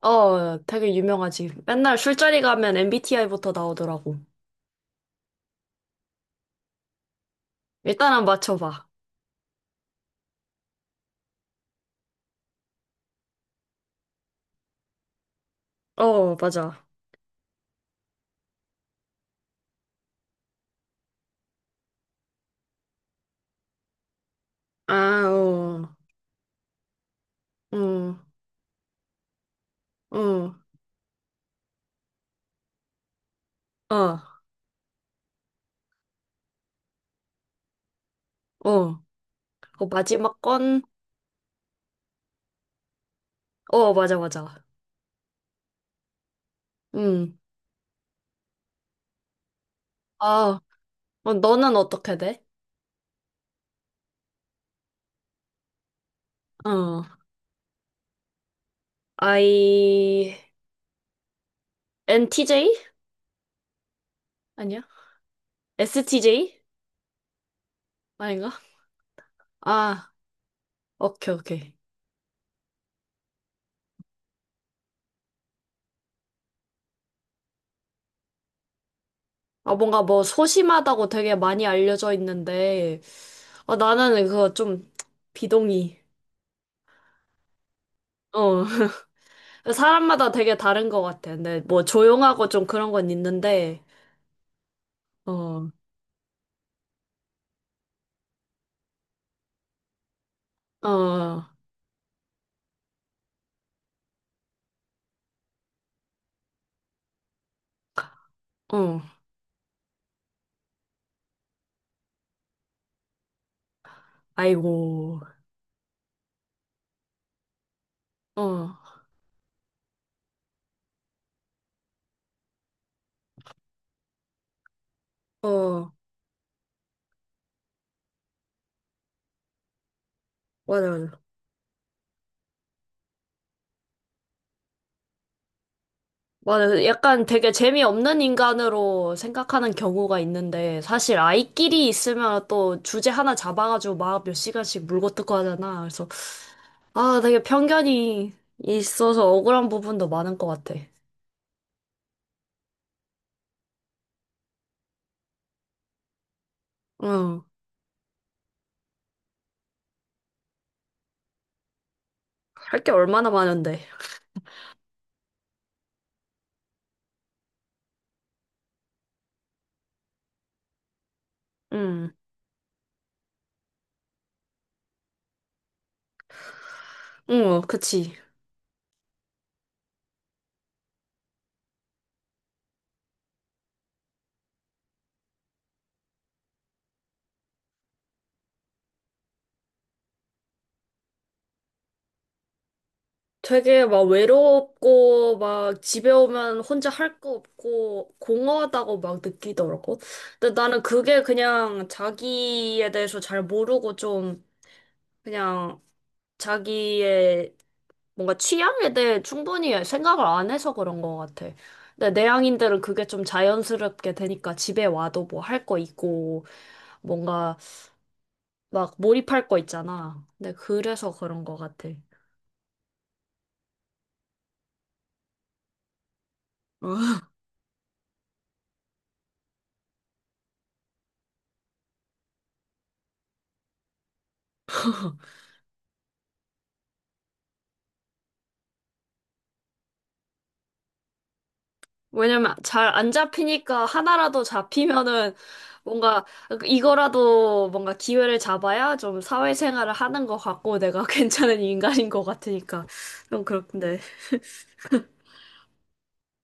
되게 유명하지. 맨날 술자리 가면 MBTI부터 나오더라고. 일단은 맞춰봐. 어, 맞아. 아, 어, 음, 어, 어, 어. 그 마지막 건, 어, 맞아, 맞아. 음, 아, 너는 어떻게 돼? 어, I, NTJ? 아니야? STJ? 아닌가? 아, 오케이, 오케이. 뭔가 뭐 소심하다고 되게 많이 알려져 있는데, 나는 그거 좀 비동의. 어, 사람마다 되게 다른 것 같아. 근데 뭐 조용하고 좀 그런 건 있는데, 어, 어, 어, 아이고, 어, 어, 맞아, 맞아. 맞아. 약간 되게 재미없는 인간으로 생각하는 경우가 있는데, 사실 아이끼리 있으면 또 주제 하나 잡아가지고 막 몇 시간씩 물고 뜯고 하잖아. 그래서, 되게 편견이 있어서 억울한 부분도 많은 것 같아. 어, 할 게 얼마나 많은데. 응, 응, 어, 그치. 되게 막 외롭고 막 집에 오면 혼자 할 거 없고 공허하다고 막 느끼더라고. 근데 나는 그게 그냥 자기에 대해서 잘 모르고 좀 그냥 자기의 뭔가 취향에 대해 충분히 생각을 안 해서 그런 것 같아. 근데 내향인들은 그게 좀 자연스럽게 되니까 집에 와도 뭐 할 거 있고 뭔가 막 몰입할 거 있잖아. 근데 그래서 그런 것 같아. 왜냐면 잘 안 잡히니까 하나라도 잡히면은 뭔가 이거라도 뭔가 기회를 잡아야 좀 사회생활을 하는 것 같고 내가 괜찮은 인간인 것 같으니까 좀 그렇던데.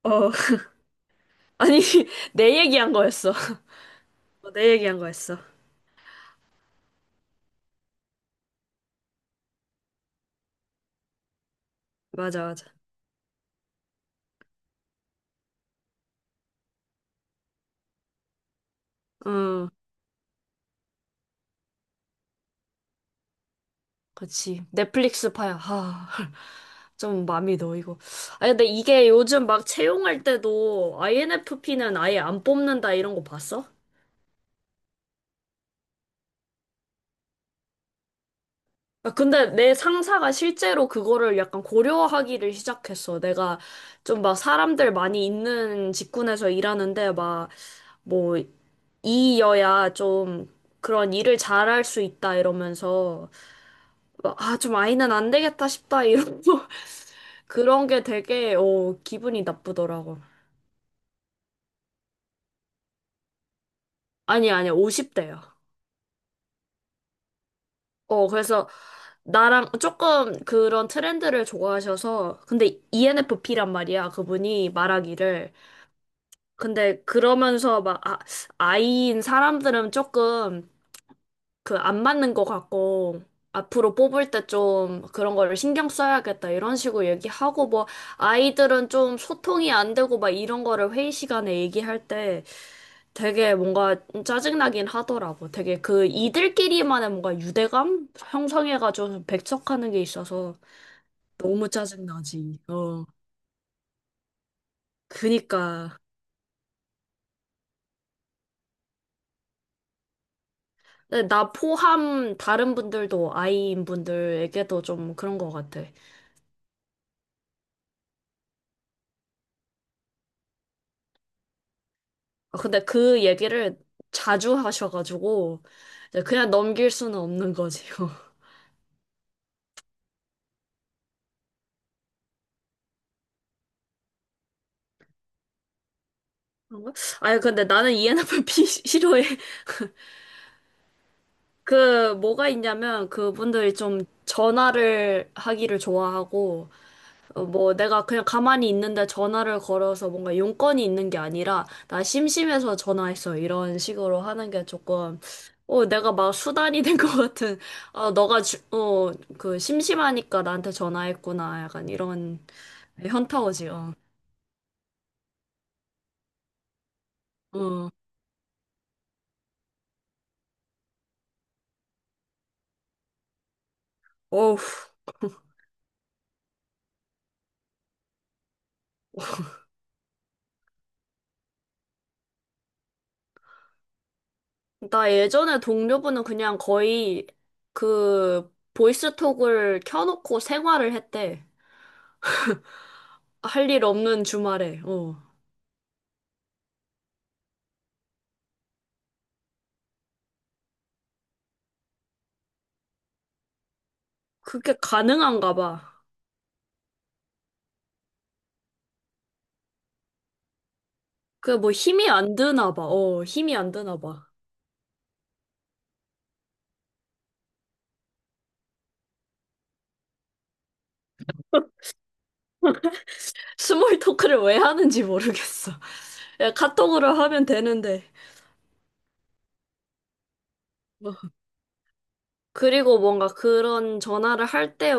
어. 아니, 내 얘기한 거였어. 내 얘기한 거였어. 맞아, 맞아. 응, 그치. 넷플릭스 파야. 하. 좀 마음이 놓이고. 아니, 근데 이게 요즘 막 채용할 때도 INFP는 아예 안 뽑는다 이런 거 봤어? 근데 내 상사가 실제로 그거를 약간 고려하기를 시작했어. 내가 좀 막 사람들 많이 있는 직군에서 일하는데 막 뭐 이여야 좀 그런 일을 잘할 수 있다 이러면서 막, 좀 아이는 안 되겠다 싶다 이러고 그런 게 되게 기분이 나쁘더라고. 아니 아니 50대야. 그래서 나랑 조금 그런 트렌드를 좋아하셔서 근데 ENFP란 말이야. 그분이 말하기를 근데 그러면서 막 아, 아이인 사람들은 조금 그 안 맞는 것 같고 앞으로 뽑을 때 좀 그런 거를 신경 써야겠다 이런 식으로 얘기하고 뭐 아이들은 좀 소통이 안 되고 막 이런 거를 회의 시간에 얘기할 때 되게 뭔가 짜증나긴 하더라고. 되게 그 이들끼리만의 뭔가 유대감 형성해가지고 배척하는 게 있어서 너무 짜증나지. 어. 그니까. 네, 나 포함 다른 분들도 아이인 분들에게도 좀 그런 것 같아. 근데 그 얘기를 자주 하셔가지고 이제 그냥 넘길 수는 없는 거지요. 그런가? 아니 근데 나는 ENFP 싫어해. 그 뭐가 있냐면 그분들이 좀 전화를 하기를 좋아하고 뭐 내가 그냥 가만히 있는데 전화를 걸어서 뭔가 용건이 있는 게 아니라 나 심심해서 전화했어 이런 식으로 하는 게 조금 내가 막 수단이 된 것 같은 너가 그 심심하니까 나한테 전화했구나 약간 이런 현타오지 어. 어. 어우 나 예전에 동료분은 그냥 거의 그 보이스톡을 켜놓고 생활을 했대 할 일 없는 주말에 어 그게 가능한가 봐. 그 뭐 힘이 안 드나 봐. 힘이 안 드나 봐. 스몰 토크를 왜 하는지 모르겠어. 야, 카톡으로 하면 되는데. 뭐. 그리고 뭔가 그런 전화를 할 때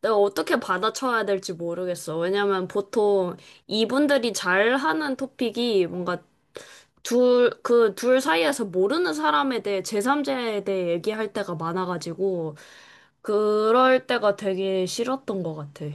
내가 어떻게 받아쳐야 될지 모르겠어. 왜냐면 보통 이분들이 잘 하는 토픽이 뭔가 그 둘 사이에서 모르는 사람에 대해, 제3자에 대해 얘기할 때가 많아가지고, 그럴 때가 되게 싫었던 것 같아.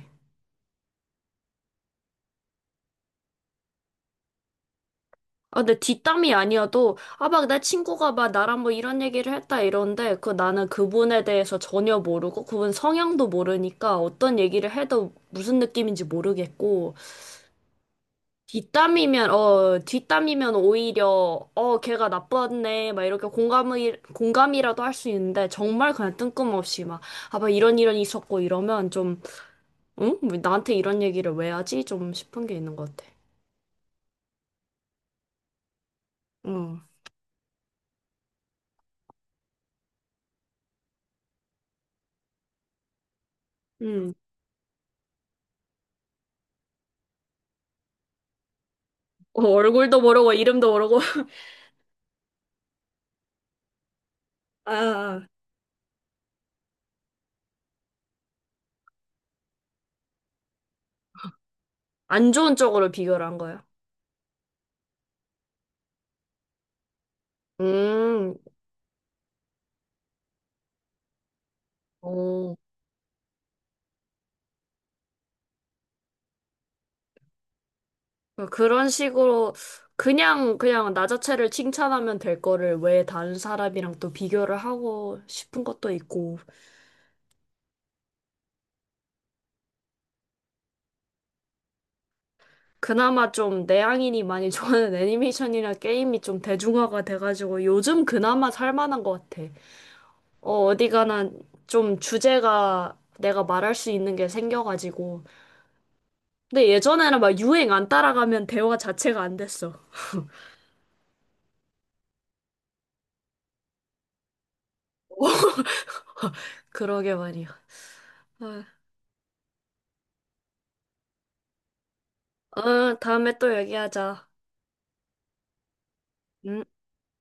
근데 뒷담이 아니어도, 막 내 친구가 막 나랑 뭐 이런 얘기를 했다 이러는데, 그 나는 그분에 대해서 전혀 모르고, 그분 성향도 모르니까 어떤 얘기를 해도 무슨 느낌인지 모르겠고, 뒷담이면 오히려, 걔가 나빴네, 막 이렇게 공감이라도 할 수 있는데, 정말 그냥 뜬금없이 막, 막 이런 있었고 이러면 좀, 응? 왜 나한테 이런 얘기를 왜 하지? 좀 싶은 게 있는 것 같아. 어. 음. 얼굴도 모르고, 이름도 모르고. 아. 아. 안 좋은 쪽으로 비교를 한 거예요. 음, 오. 그런 식으로 그냥 나 자체를 칭찬하면 될 거를 왜 다른 사람이랑 또 비교를 하고 싶은 것도 있고 그나마 좀 내향인이 많이 좋아하는 애니메이션이나 게임이 좀 대중화가 돼가지고 요즘 그나마 살만한 것 같아. 어디 가나 좀 주제가 내가 말할 수 있는 게 생겨가지고 근데 예전에는 막 유행 안 따라가면 대화 자체가 안 됐어. 그러게 말이야. 아. 다음에 또 얘기하자. 음.